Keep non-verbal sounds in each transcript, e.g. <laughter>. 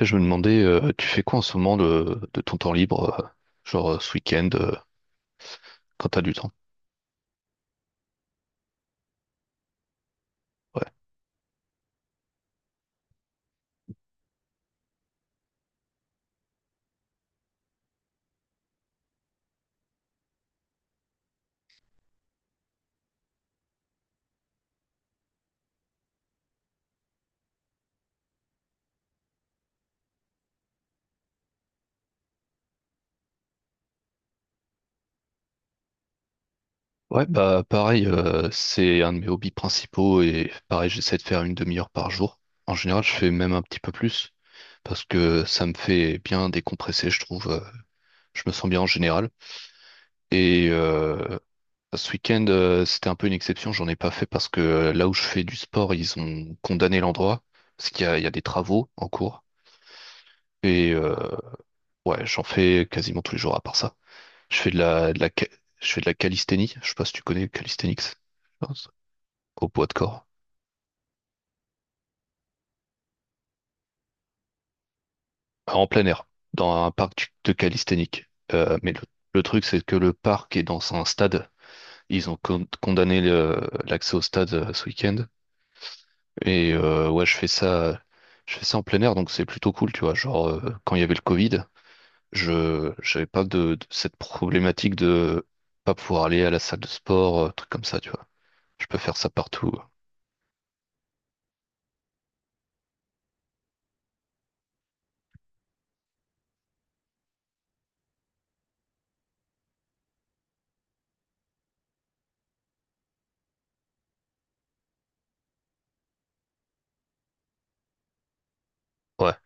Je me demandais, tu fais quoi en ce moment de ton temps libre, ce week-end, quand t'as du temps? Ouais. Ouais, bah pareil, c'est un de mes hobbies principaux et pareil, j'essaie de faire une demi-heure par jour. En général, je fais même un petit peu plus parce que ça me fait bien décompresser, je trouve. Je me sens bien en général. Et euh, ce week-end, c'était un peu une exception, j'en ai pas fait parce que là où je fais du sport, ils ont condamné l'endroit parce qu'il y a des travaux en cours. Et euh, Ouais, j'en fais quasiment tous les jours à part ça. Je fais je fais de la calisthénie. Je sais pas si tu connais calisthenics, je pense. Au poids de corps. En plein air. Dans un parc de calisthénique. Mais le truc, c'est que le parc est dans un stade. Ils ont condamné l'accès au stade ce week-end. Ouais, je fais ça en plein air, donc c'est plutôt cool, tu vois. Genre, quand il y avait le Covid, je j'avais pas de cette problématique de pas pouvoir aller à la salle de sport, truc comme ça, tu vois. Je peux faire ça partout. Ouais,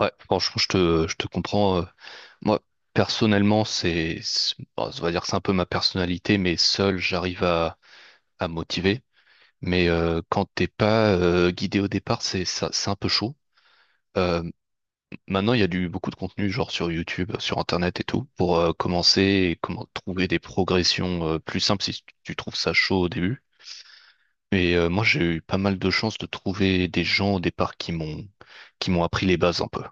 ouais, franchement, je te comprends. Moi, personnellement, ça va dire que c'est un peu ma personnalité, mais seul, j'arrive à motiver. Mais quand t'es pas guidé au départ, c'est ça, c'est un peu chaud. Euh, Maintenant, il y a du beaucoup de contenu, genre sur YouTube, sur Internet et tout, pour commencer et comment trouver des progressions plus simples si tu trouves ça chaud au début. Moi, j'ai eu pas mal de chance de trouver des gens au départ qui m'ont appris les bases un peu.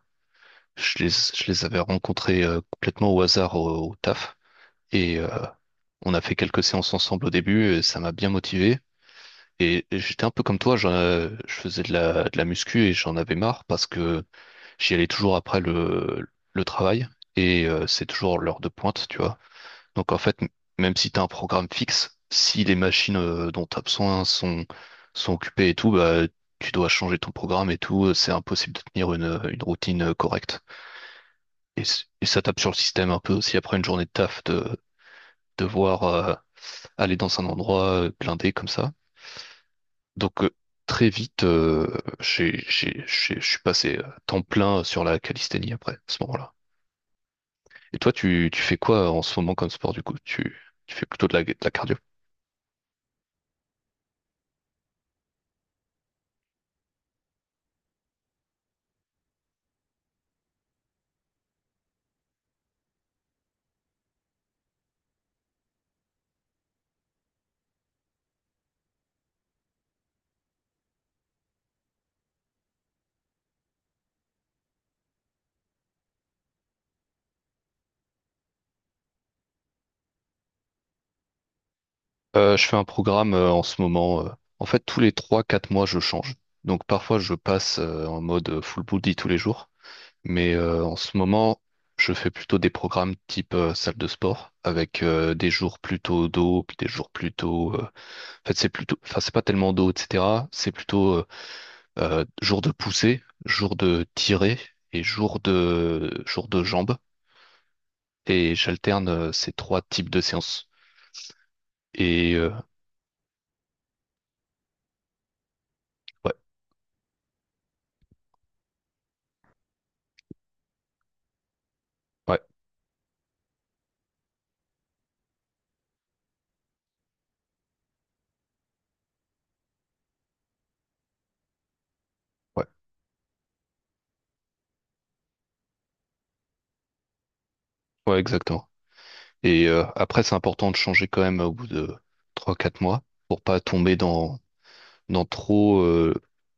Je les avais rencontrés complètement au hasard au taf. Et euh, on a fait quelques séances ensemble au début, et ça m'a bien motivé. Et j'étais un peu comme toi, je faisais de la muscu et j'en avais marre parce que j'y allais toujours après le travail. C'est toujours l'heure de pointe, tu vois. Donc en fait, même si tu as un programme fixe, si les machines dont tu as besoin sont occupées et tout, bah, tu dois changer ton programme et tout, c'est impossible de tenir une routine correcte. Et, et ça tape sur le système un peu aussi après une journée de taf de devoir aller dans un endroit blindé comme ça. Donc euh, très vite, je suis passé temps plein sur la calisthénie après, à ce moment-là. Et toi, tu fais quoi en ce moment comme sport du coup? Tu fais plutôt de la cardio? Je fais un programme en ce moment. En fait, tous les trois-quatre mois, je change. Donc parfois, je passe en mode full body tous les jours. Mais en ce moment, je fais plutôt des programmes type salle de sport, avec des jours plutôt dos, puis des jours plutôt... En fait, c'est plutôt... Enfin, c'est pas tellement dos, etc. C'est plutôt jour de poussée, jour de tirer et jour de jambes. Et j'alterne ces trois types de séances. Et euh, ouais, ouais, ouais, ouais, exactement. Après, c'est important de changer quand même au bout de trois quatre mois pour pas tomber dans trop.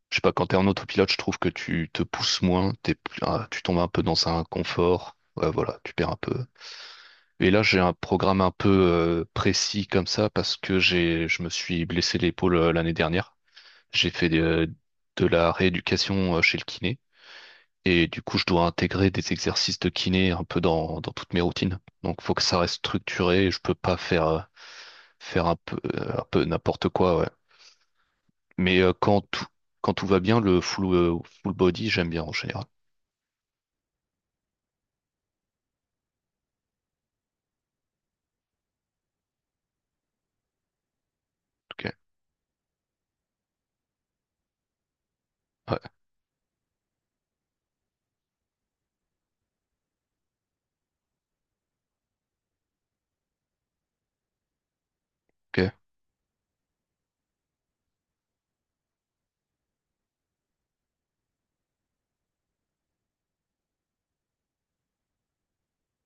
Je sais pas, quand t'es en autopilote, je trouve que tu te pousses moins, tu tombes un peu dans un confort. Ouais, voilà, tu perds un peu. Et là, j'ai un programme un peu précis comme ça parce que je me suis blessé l'épaule l'année dernière. J'ai fait de la rééducation chez le kiné. Et du coup, je dois intégrer des exercices de kiné un peu dans toutes mes routines. Donc, faut que ça reste structuré. Je peux pas faire. Faire un peu n'importe quoi, ouais. Mais quand tout va bien, le full body, j'aime bien en général. Ok, ouais, ok,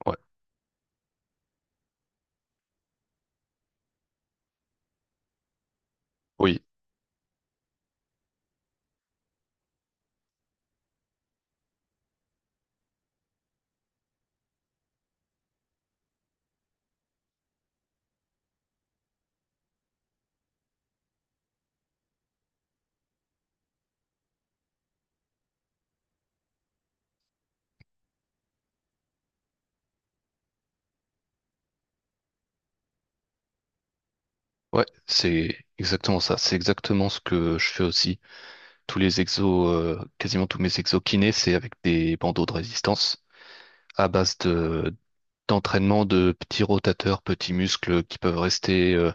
ouais, oui, ouais, c'est exactement ça. C'est exactement ce que je fais aussi. Tous les exos, quasiment tous mes exos kinés, c'est avec des bandeaux de résistance à base de d'entraînement de petits rotateurs, petits muscles qui peuvent rester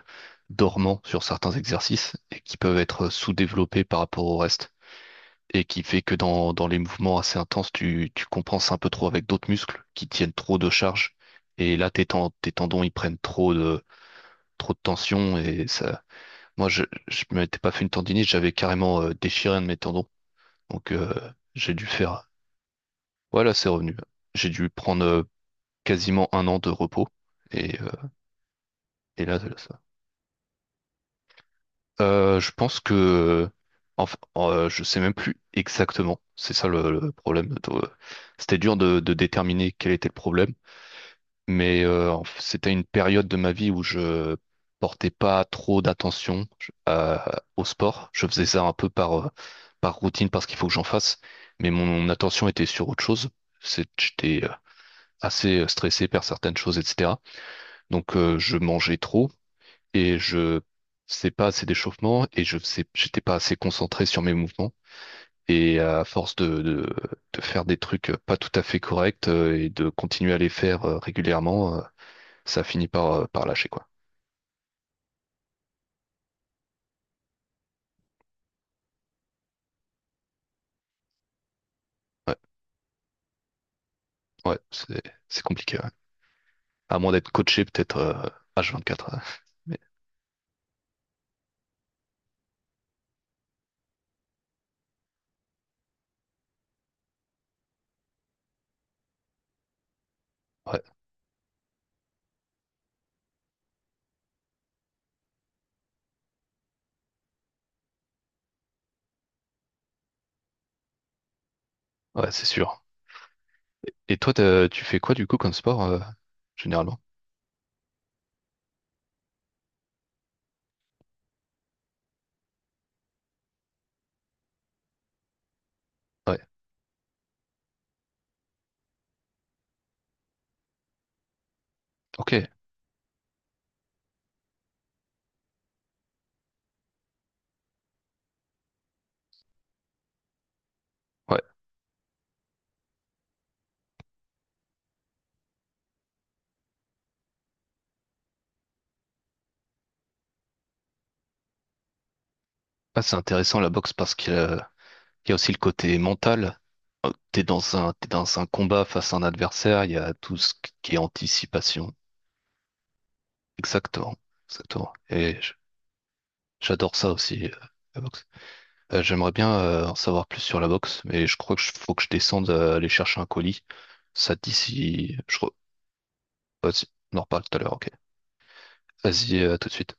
dormants sur certains exercices et qui peuvent être sous-développés par rapport au reste, et qui fait que dans les mouvements assez intenses, tu compenses un peu trop avec d'autres muscles qui tiennent trop de charge. Et là, tes tendons, ils prennent trop trop de tension. Et ça, moi, je m'étais pas fait une tendinite, j'avais carrément déchiré un de mes tendons. Donc, euh, j'ai dû faire. Voilà, c'est revenu. J'ai dû prendre quasiment un an de repos. Et, euh, et là, ça. Je pense que. Enfin, je sais même plus exactement. C'est ça le problème. C'était dur de déterminer quel était le problème. Mais c'était une période de ma vie où je portais pas trop d'attention au sport. Je faisais ça un peu par routine parce qu'il faut que j'en fasse. Mais mon attention était sur autre chose. J'étais assez stressé par certaines choses, etc. Je mangeais trop et je faisais pas assez d'échauffement et je faisais, j'étais pas assez concentré sur mes mouvements. Et à force de faire des trucs pas tout à fait corrects et de continuer à les faire régulièrement, ça finit par, par lâcher, quoi. Ouais, ouais, c'est, c'est compliqué, ouais. À moins d'être coaché peut-être H24. Ouais. <laughs> Mais ouais, ouais, c'est sûr. Et toi, tu fais quoi du coup comme sport, généralement? Ouais, ok, ouais. Ah, c'est intéressant la boxe parce qu'il y a il y a aussi le côté mental. T'es dans t'es dans un combat face à un adversaire, il y a tout ce qui est anticipation. Exactement, exactement. Et j'adore ça aussi, la boxe. J'aimerais bien en savoir plus sur la box, mais je crois que faut que je descende aller chercher un colis. Ça te dit si je re... vas-y, on en reparle tout à l'heure, ok. Vas-y, à tout de suite.